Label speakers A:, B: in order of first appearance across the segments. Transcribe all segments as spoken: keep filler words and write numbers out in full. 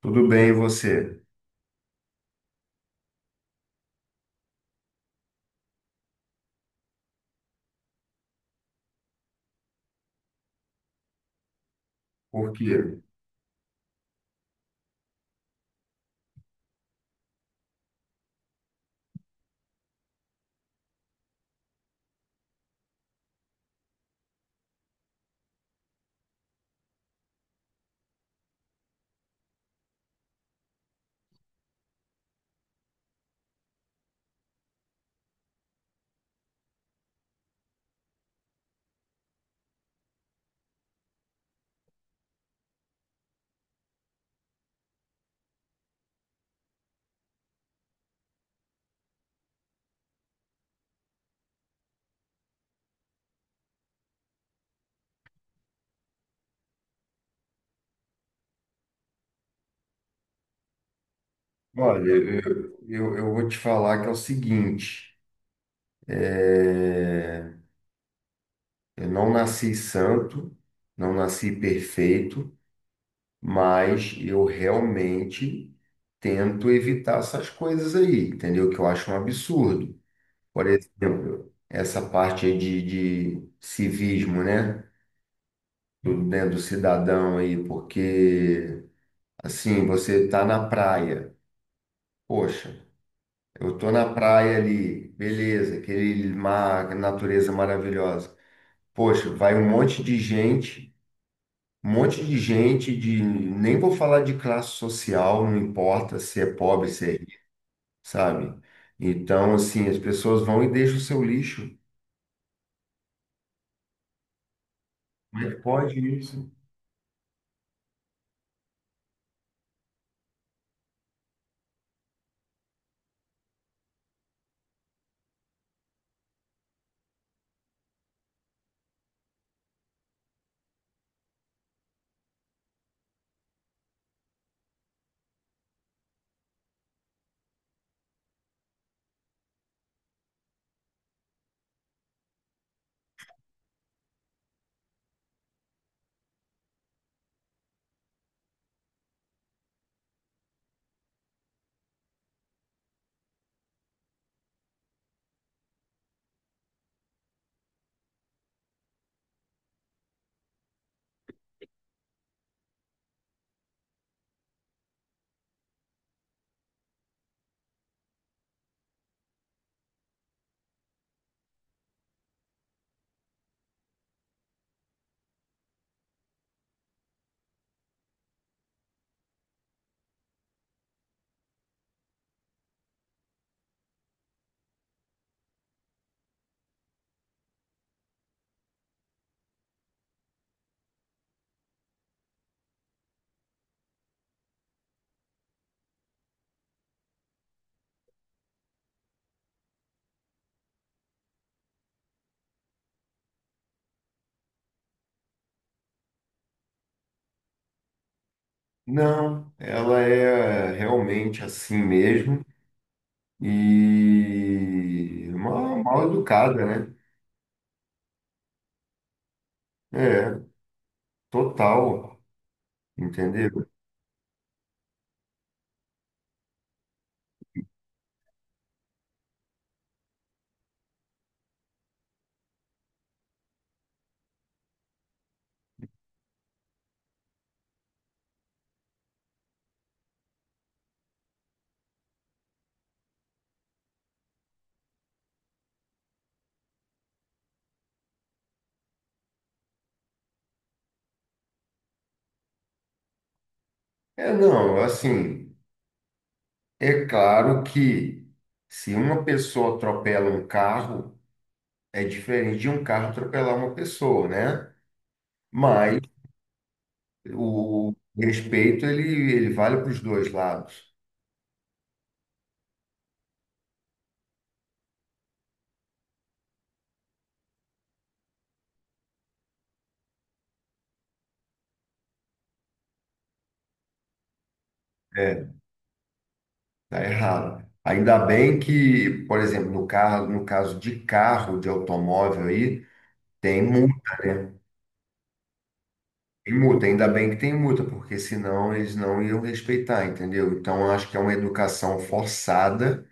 A: Tudo bem, e você? Por quê? Olha, eu, eu, eu vou te falar que é o seguinte, é, eu não nasci santo, não nasci perfeito, mas eu realmente tento evitar essas coisas aí, entendeu? Que eu acho um absurdo. Por exemplo, essa parte aí de, de civismo, né? Do, né, do cidadão aí, porque assim, você tá na praia, poxa. Eu tô na praia ali, beleza, aquele mar, natureza maravilhosa. Poxa, vai um monte de gente, um monte de gente de, nem vou falar de classe social, não importa se é pobre, se é rico, sabe? Então, assim, as pessoas vão e deixam o seu lixo. Como é que pode isso? Não, ela é realmente assim mesmo e mal, mal educada, né? É, total, entendeu? É, não, assim. É claro que se uma pessoa atropela um carro, é diferente de um carro atropelar uma pessoa, né? Mas o respeito ele, ele vale para os dois lados. É, tá errado. Ainda bem que, por exemplo, no carro, no caso de carro, de automóvel aí, tem multa, né? Tem multa, ainda bem que tem multa, porque senão eles não iam respeitar, entendeu? Então, eu acho que é uma educação forçada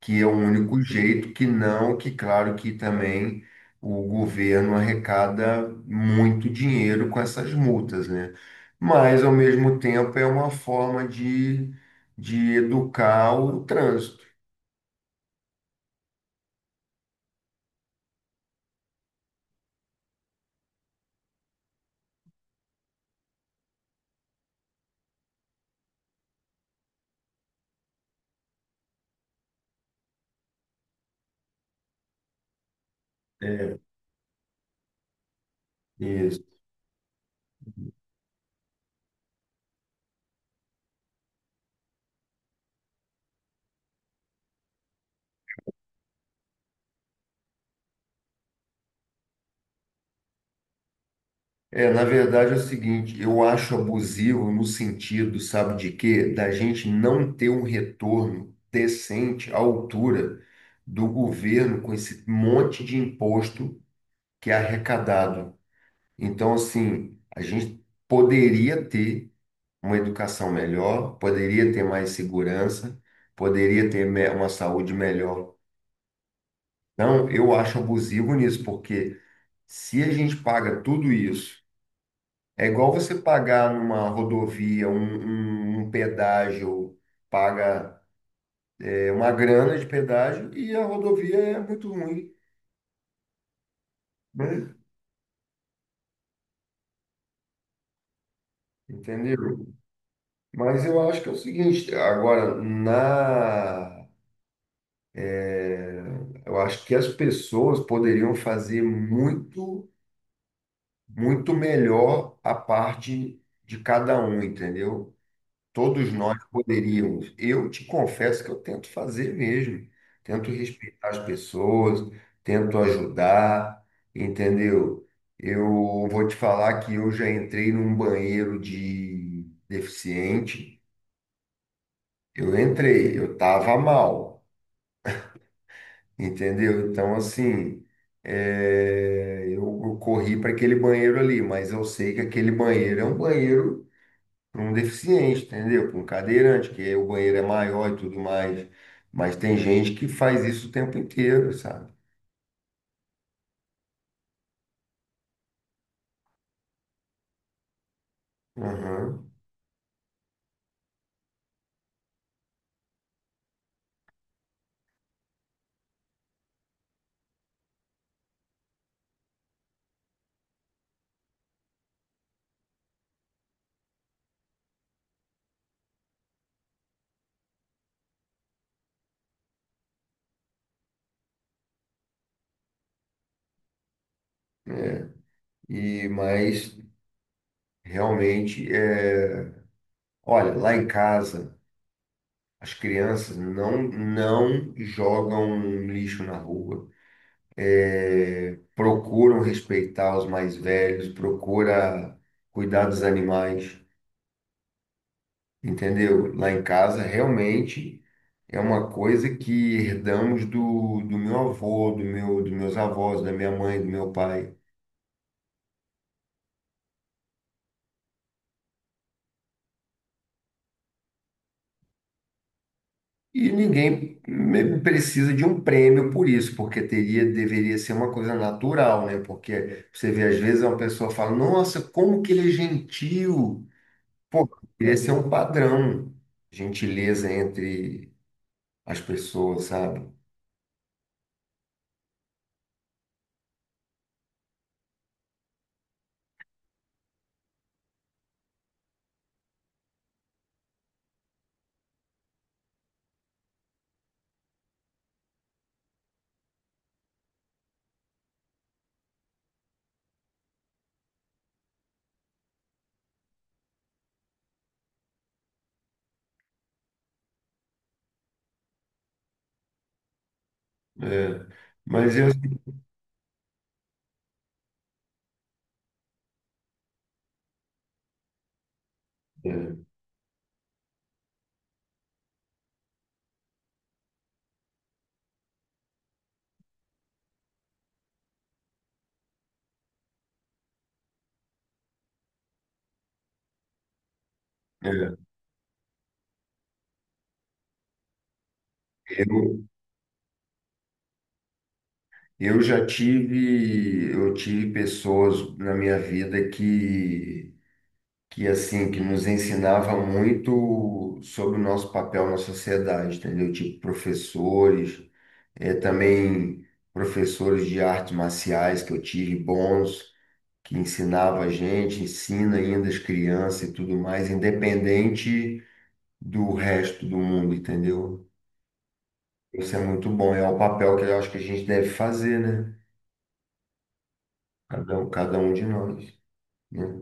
A: que é o único jeito que não, que claro que também o governo arrecada muito dinheiro com essas multas, né? Mas ao mesmo tempo é uma forma de, de educar o trânsito. É, isso. É, na verdade é o seguinte, eu acho abusivo no sentido, sabe de quê? Da gente não ter um retorno decente à altura do governo com esse monte de imposto que é arrecadado. Então, assim, a gente poderia ter uma educação melhor, poderia ter mais segurança, poderia ter me- uma saúde melhor. Não, eu acho abusivo nisso, porque se a gente paga tudo isso, é igual você pagar numa rodovia um, um, um pedágio, paga é, uma grana de pedágio e a rodovia é muito ruim, né? Entendeu? Mas eu acho que é o seguinte, agora, na É, eu acho que as pessoas poderiam fazer muito, muito melhor a parte de cada um, entendeu? Todos nós poderíamos. Eu te confesso que eu tento fazer mesmo. Tento respeitar as pessoas, tento ajudar, entendeu? Eu vou te falar que eu já entrei num banheiro de deficiente. Eu entrei, eu estava mal. Entendeu? Então, assim, é, eu, eu corri para aquele banheiro ali, mas eu sei que aquele banheiro é um banheiro para um deficiente, entendeu? Para um cadeirante, que o banheiro é maior e tudo mais. Mas tem gente que faz isso o tempo inteiro, sabe? Aham. E, mas, realmente, é... olha, lá em casa, as crianças não, não jogam lixo na rua. Eh, procuram respeitar os mais velhos, procura cuidar dos animais, entendeu? Lá em casa, realmente é uma coisa que herdamos do, do meu avô, do meu, dos meus avós, da minha mãe, do meu pai. E ninguém me- precisa de um prêmio por isso, porque teria, deveria ser uma coisa natural, né? Porque você vê, às vezes, uma pessoa fala, nossa, como que ele é gentil. Pô, deveria ser um padrão, gentileza entre as pessoas, sabe? É, mas eu, assim, é, é, eu, eu já tive, eu tive pessoas na minha vida que, que assim, que nos ensinava muito sobre o nosso papel na sociedade, entendeu? Tipo professores, é, também professores de artes marciais que eu tive bons, que ensinava a gente, ensina ainda as crianças e tudo mais, independente do resto do mundo, entendeu? Isso é muito bom, é o papel que eu acho que a gente deve fazer, né? Cada um, cada um de nós, né?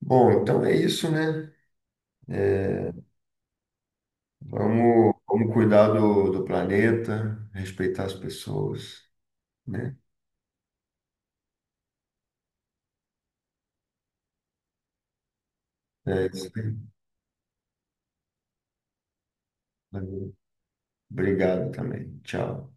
A: Bom, então é isso, né? Vamos, vamos cuidar do, do planeta, respeitar as pessoas, né? É isso aí. Valeu. Obrigado também. Tchau.